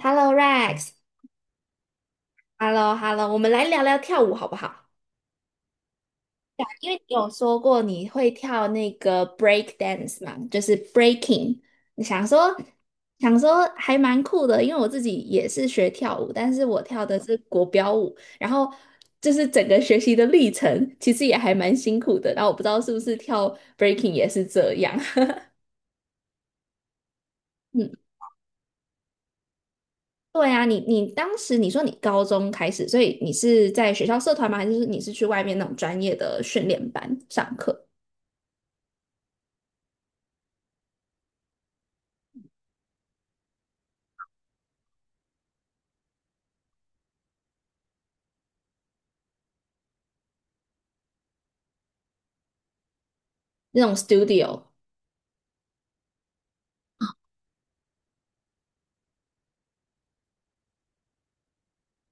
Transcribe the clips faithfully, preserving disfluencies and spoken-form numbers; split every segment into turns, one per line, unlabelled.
Hello Rex,Hello Hello，我们来聊聊跳舞好不好？对啊，因为你有说过你会跳那个 break dance 嘛，就是 breaking。你想说想说还蛮酷的，因为我自己也是学跳舞，但是我跳的是国标舞，然后就是整个学习的历程其实也还蛮辛苦的。然后我不知道是不是跳 breaking 也是这样。对啊，你你当时你说你高中开始，所以你是在学校社团吗？还是你是去外面那种专业的训练班上课，那种 studio？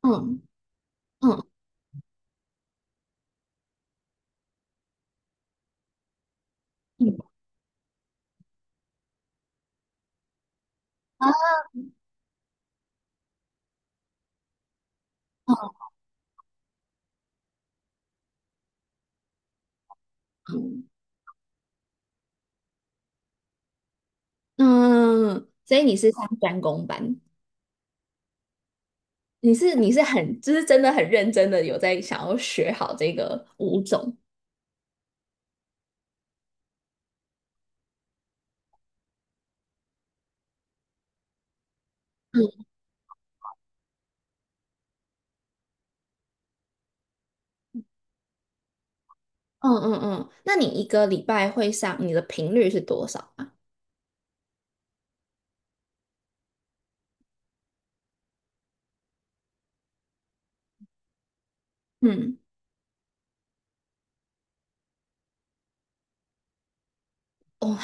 嗯嗯嗯嗯，嗯，所以你是上专攻班，你是你是很就是真的很认真的有在想要学好这个舞种。嗯嗯嗯嗯，那你一个礼拜会上，你的频率是多少啊？嗯，哦，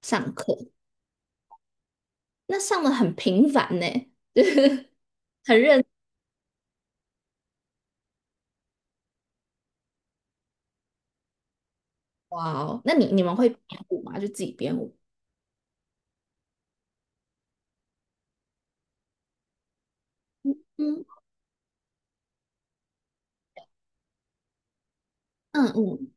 上课。那上的很频繁呢，就是 很认。哇哦，那你你们会编舞吗？就自己编舞？嗯嗯嗯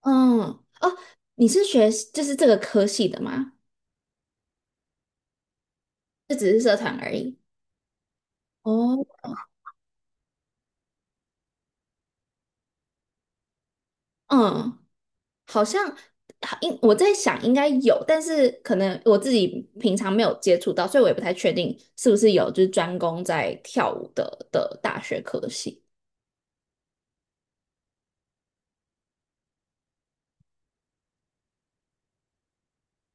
嗯，哦，你是学就是这个科系的吗？这只是社团而已。哦，嗯，好像好应我在想应该有，但是可能我自己平常没有接触到，所以我也不太确定是不是有就是专攻在跳舞的的大学科系。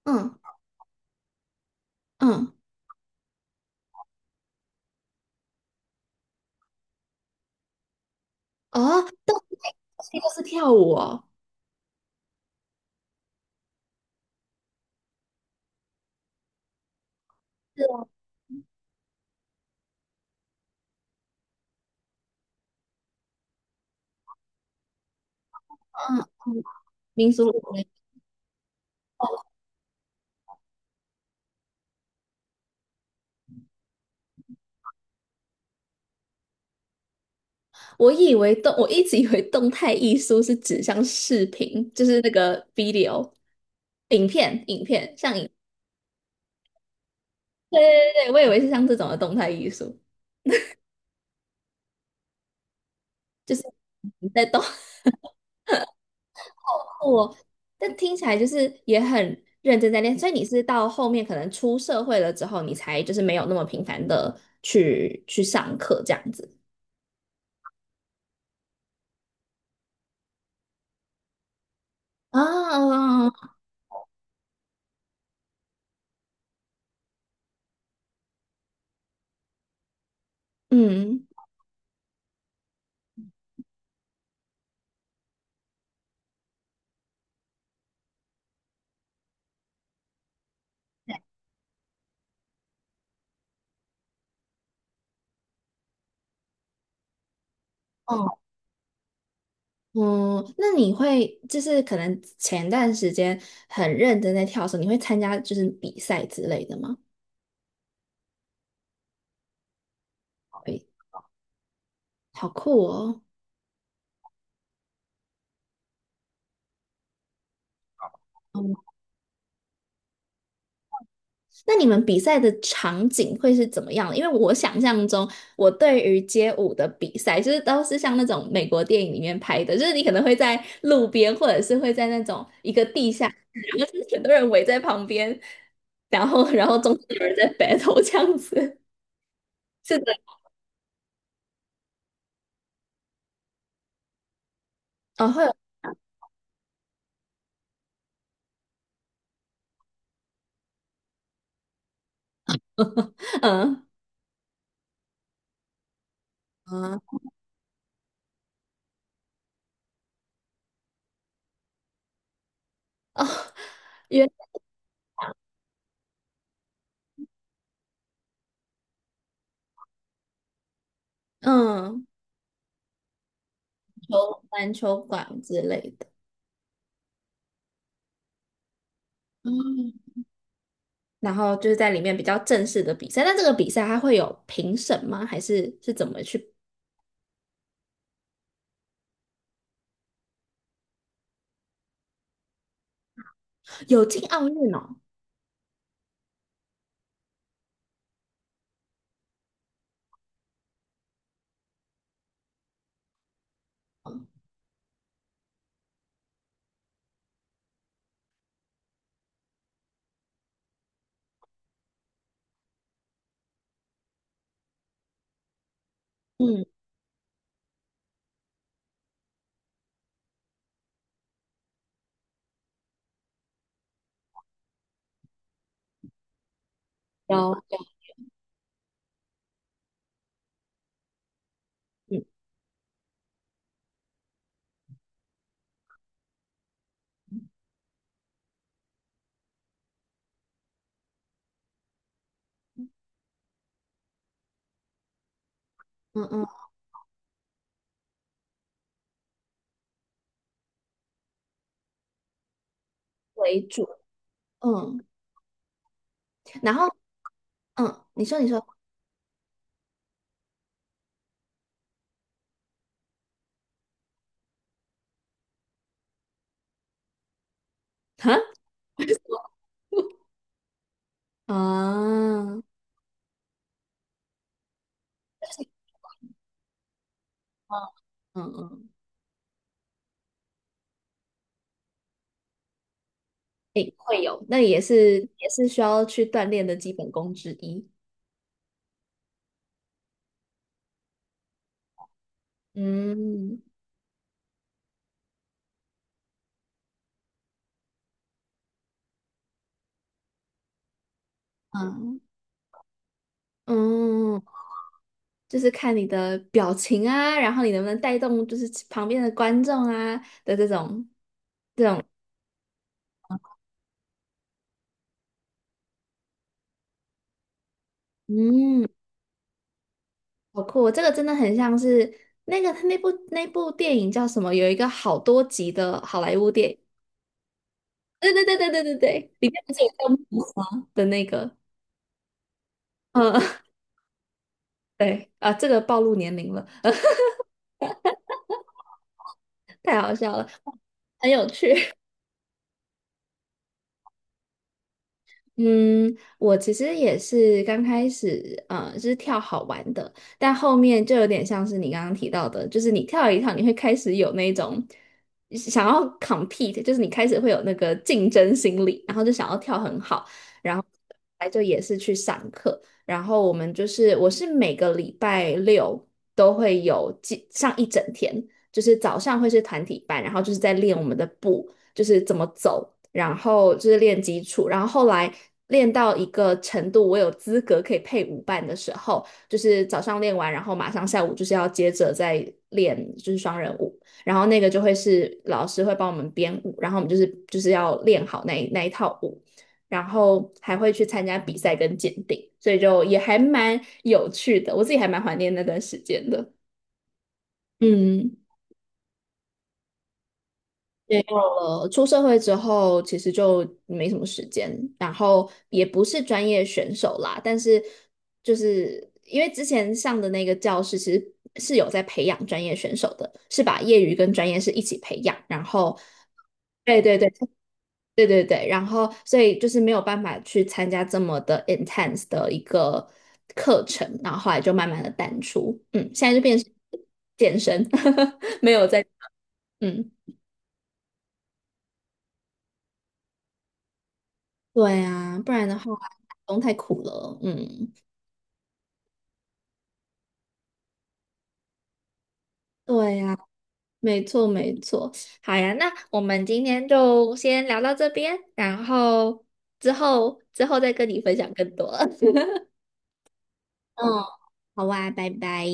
嗯嗯，哦，都是都是跳舞哦，是哦，嗯嗯，民俗舞。我以为动，我一直以为动态艺术是指像视频，就是那个 video。对对对，我以为是像这种的动态艺术，就是你在动。 我，但听起来就是也很认真在练。所以你是到后面可能出社会了之后，你才就是没有那么频繁的去去上课这样子啊，嗯。哦，嗯，那你会就是可能前段时间很认真在跳绳，你会参加就是比赛之类的吗？会。好酷哦！嗯，那你们比赛的场景会是怎么样的？因为我想象中，我对于街舞的比赛，就是都是像那种美国电影里面拍的，就是你可能会在路边，或者是会在那种一个地下室，然后就是很多人围在旁边，然后然后中间有人在 battle 这样子。是的，哦，会有，嗯嗯，哦，原嗯，球篮球馆之类的。嗯。然后就是在里面比较正式的比赛。那这个比赛它会有评审吗？还是是怎么去？有进奥运哦，嗯，有，嗯嗯嗯为主，嗯，然后嗯，你说你说，哈啊，就是嗯嗯，诶，会有，那也是也是需要去锻炼的基本功之一。嗯嗯嗯，就是看你的表情啊，然后你能不能带动就是旁边的观众啊的这种。嗯，好酷哦，这个真的很像是那个那部那部电影叫什么？有一个好多集的好莱坞电影。对对对对对对对，里面不是有叫木华的那个？嗯，对啊，这个暴露年龄了，呃，太好笑了，很有趣。嗯，我其实也是刚开始，呃，是跳好玩的，但后面就有点像是你刚刚提到的，就是你跳一跳，你会开始有那种想要 compete，就是你开始会有那个竞争心理，然后就想要跳很好，然后来就也是去上课，然后我们就是我是每个礼拜六都会有几上一整天，就是早上会是团体班，然后就是在练我们的步，就是怎么走。然后就是练基础，然后后来练到一个程度，我有资格可以配舞伴的时候，就是早上练完，然后马上下午就是要接着再练，就是双人舞，然后那个就会是老师会帮我们编舞，然后我们就是就是要练好那那一套舞，然后还会去参加比赛跟鉴定，所以就也还蛮有趣的，我自己还蛮怀念那段时间的，嗯。没有了，出社会之后其实就没什么时间，然后也不是专业选手啦，但是就是因为之前上的那个教室其实是有在培养专业选手的，是把业余跟专业是一起培养，然后对对对对对对，然后所以就是没有办法去参加这么的 intense 的一个课程，然后后来就慢慢的淡出，嗯，现在就变成健身，没有在嗯。对啊，不然的话，打工太苦了。嗯，对呀，没错没错。好呀，那我们今天就先聊到这边，然后之后之后再跟你分享更多。嗯，好啊，拜拜。